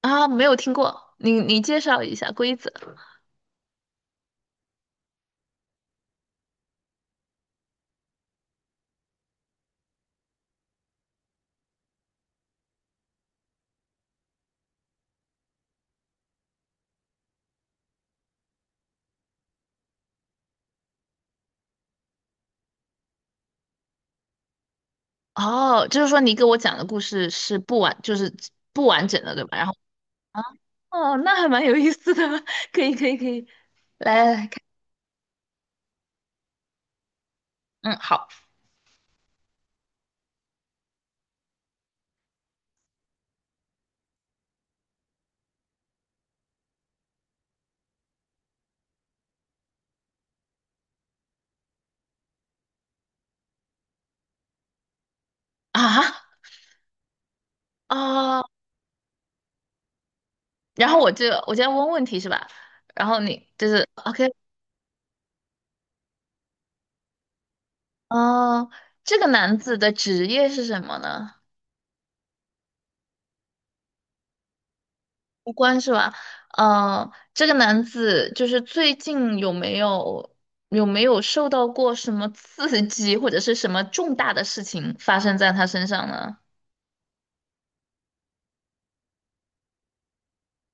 啊，没有听过，你介绍一下规则。哦，就是说你给我讲的故事是不完，就是不完整的，对吧？然后，哦，那还蛮有意思的，可以可以可以，来来来看，嗯，好。啊啊，然后我就要问问题是吧？然后你就是 OK。哦，这个男子的职业是什么呢？无关是吧？嗯，这个男子就是最近有没有受到过什么刺激，或者是什么重大的事情发生在他身上呢？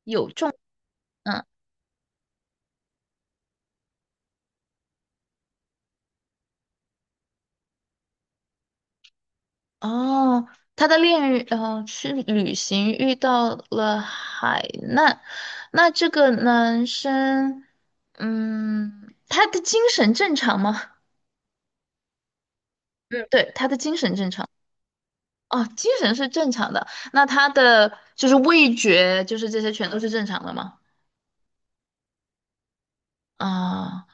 有重，嗯，哦，他的恋人，去旅行遇到了海难，那这个男生，嗯，他的精神正常吗？嗯，对，他的精神正常。哦，精神是正常的，那他的就是味觉，就是这些全都是正常的吗？啊、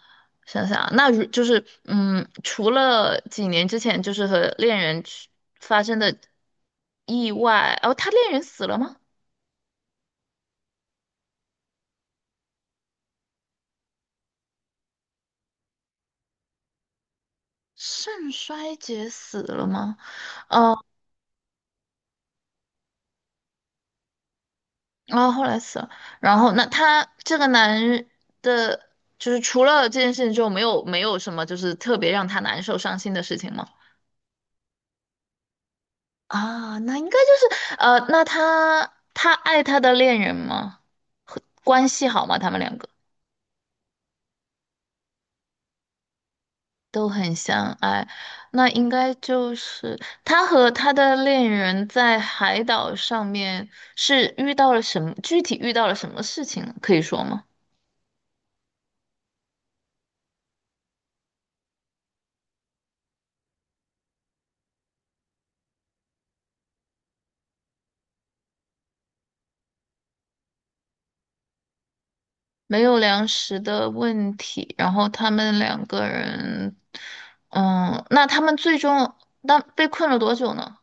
想想啊那如就是嗯，除了几年之前就是和恋人去发生的意外，哦，他恋人死了吗？肾衰竭死了吗？哦，后来死了。然后那他这个男人的，就是除了这件事情之后，没有什么就是特别让他难受伤心的事情吗？啊，那应该就是那他爱他的恋人吗？和关系好吗？他们两个都很相爱，那应该就是他和他的恋人在海岛上面是遇到了什么，具体遇到了什么事情呢可以说吗？没有粮食的问题，然后他们两个人，嗯，那他们最终那被困了多久呢？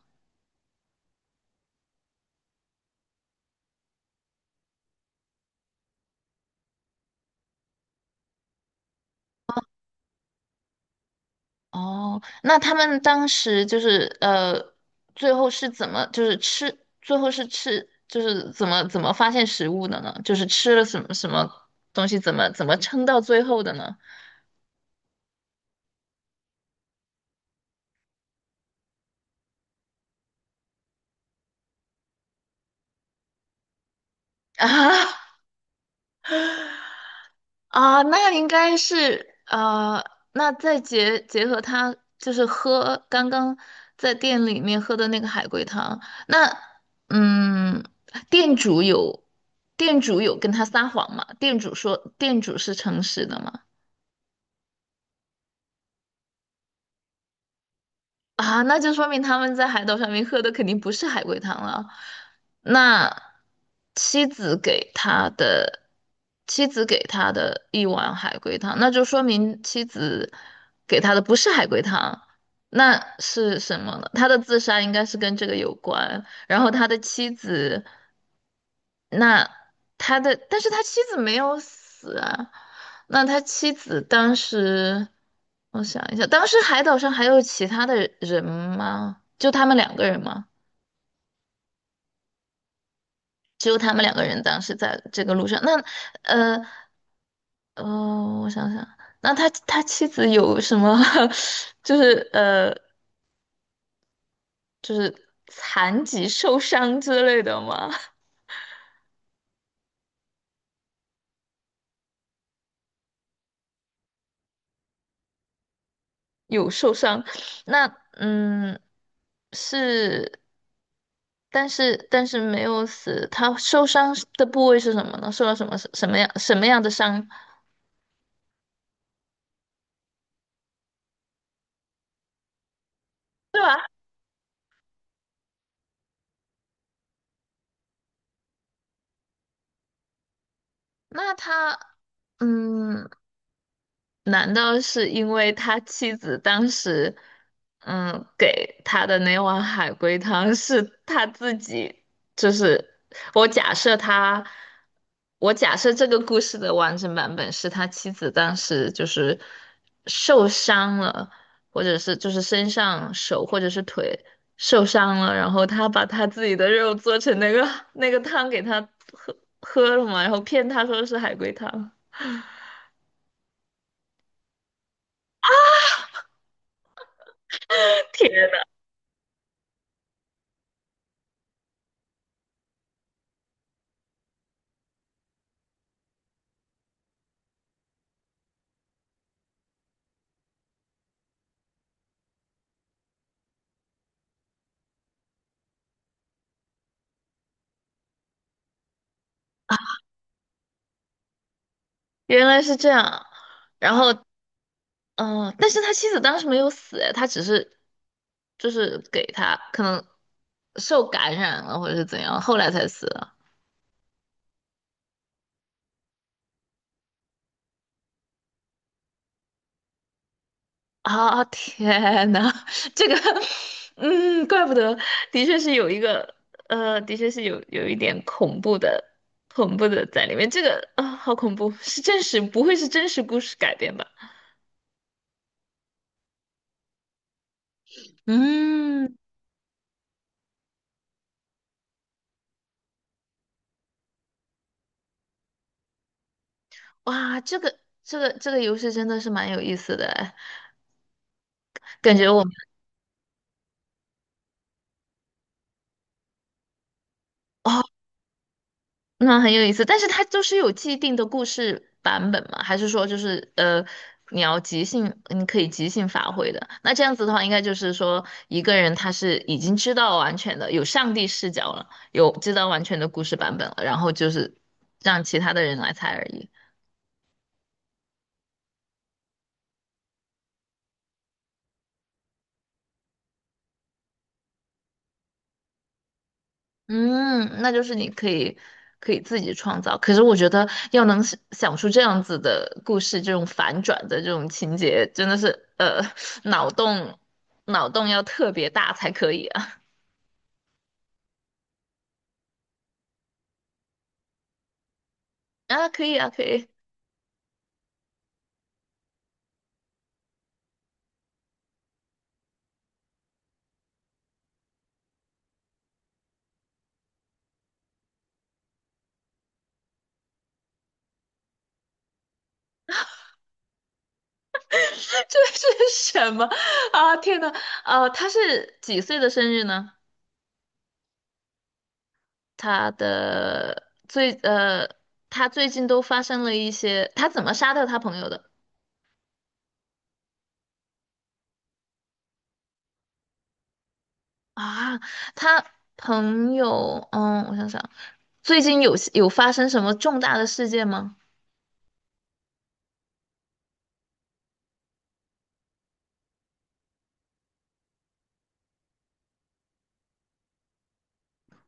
哦，那他们当时就是最后是怎么就是吃，最后是吃就是怎么发现食物的呢？就是吃了什么什么东西，怎么撑到最后的呢？啊。啊，那应该是那再结合他就是喝刚刚在店里面喝的那个海龟汤，那嗯，店主有店主有跟他撒谎吗？店主说店主是诚实的吗？啊，那就说明他们在海岛上面喝的肯定不是海龟汤了。那妻子给他的妻子给他的一碗海龟汤，那就说明妻子给他的不是海龟汤，那是什么呢？他的自杀应该是跟这个有关，然后他的妻子那他的，但是他妻子没有死啊。那他妻子当时，我想一下，当时海岛上还有其他的人吗？就他们两个人吗？只有他们两个人当时在这个路上。那，呃，呃，我想想，那他妻子有什么，就是残疾受伤之类的吗？有受伤，那嗯是，但是没有死，他受伤的部位是什么呢？受到什么样的伤？对吧？那他嗯，难道是因为他妻子当时，嗯，给他的那碗海龟汤是他自己？就是我假设他，我假设这个故事的完整版本是他妻子当时就是受伤了，或者是就是身上手或者是腿受伤了，然后他把他自己的肉做成那个那个汤给他喝喝了嘛，然后骗他说是海龟汤。天。原来是这样，然后，嗯，但是他妻子当时没有死，他只是就是给他可能受感染了或者是怎样，后来才死了。天呐，这个，嗯，怪不得，的确是有一个，的确是有一点恐怖的，恐怖的在里面。这个好恐怖，是真实，不会是真实故事改编吧？嗯，哇，这个游戏真的是蛮有意思的哎，感觉我们。哦那很有意思，但是它就是有既定的故事版本嘛？还是说就是你要即兴，你可以即兴发挥的？那这样子的话，应该就是说一个人他是已经知道完全的，有上帝视角了，有知道完全的故事版本了，然后就是让其他的人来猜而已。嗯，那就是你可以可以自己创造。可是我觉得要能想出这样子的故事，这种反转的这种情节，真的是脑洞脑洞要特别大才可以啊。啊，可以啊，可以。这是什么啊？天呐，他是几岁的生日呢？他的最他最近都发生了一些，他怎么杀掉他朋友的啊？他朋友，嗯，我想想。最近有发生什么重大的事件吗？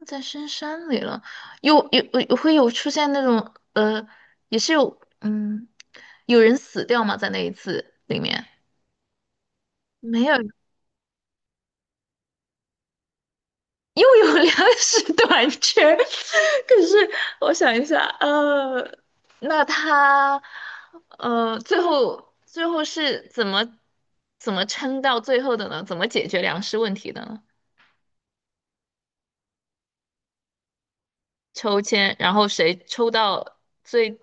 在深山里了，又有有会有出现那种也是有嗯，有人死掉吗？在那一次里面没有，又有粮食 短缺。可是我想一下，那他最后最后是怎么怎么撑到最后的呢？怎么解决粮食问题的呢？抽签，然后谁抽到最。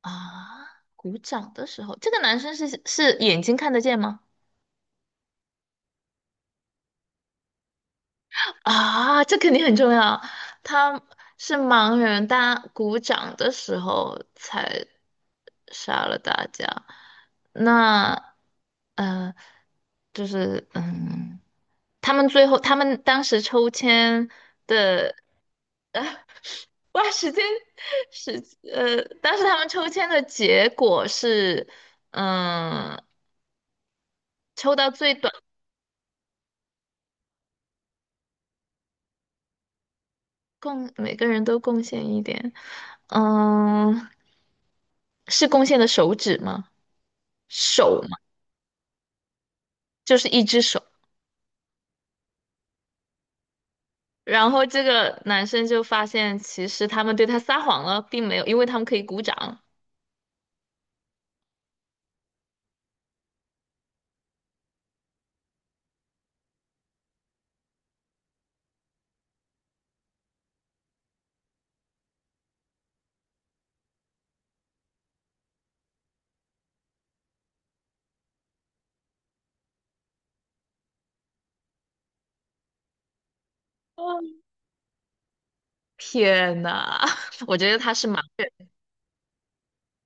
啊，鼓掌的时候，这个男生是眼睛看得见吗？啊，这肯定很重要。他是盲人，他鼓掌的时候才杀了大家。那，呃，就是嗯，他们最后他们当时抽签的，哇，时间时当时他们抽签的结果是，嗯，抽到最短。贡，每个人都贡献一点。嗯，是贡献的手指吗？手嘛，就是一只手。然后这个男生就发现，其实他们对他撒谎了，并没有，因为他们可以鼓掌。天呐，我觉得他是盲，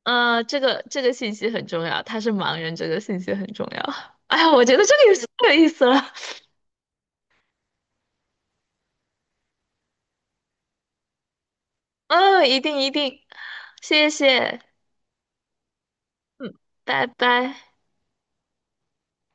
这个信息很重要，他是盲人，这个信息很重要。哎呀，我觉得这个游戏太有意思了，嗯，一定一定，谢谢，拜拜。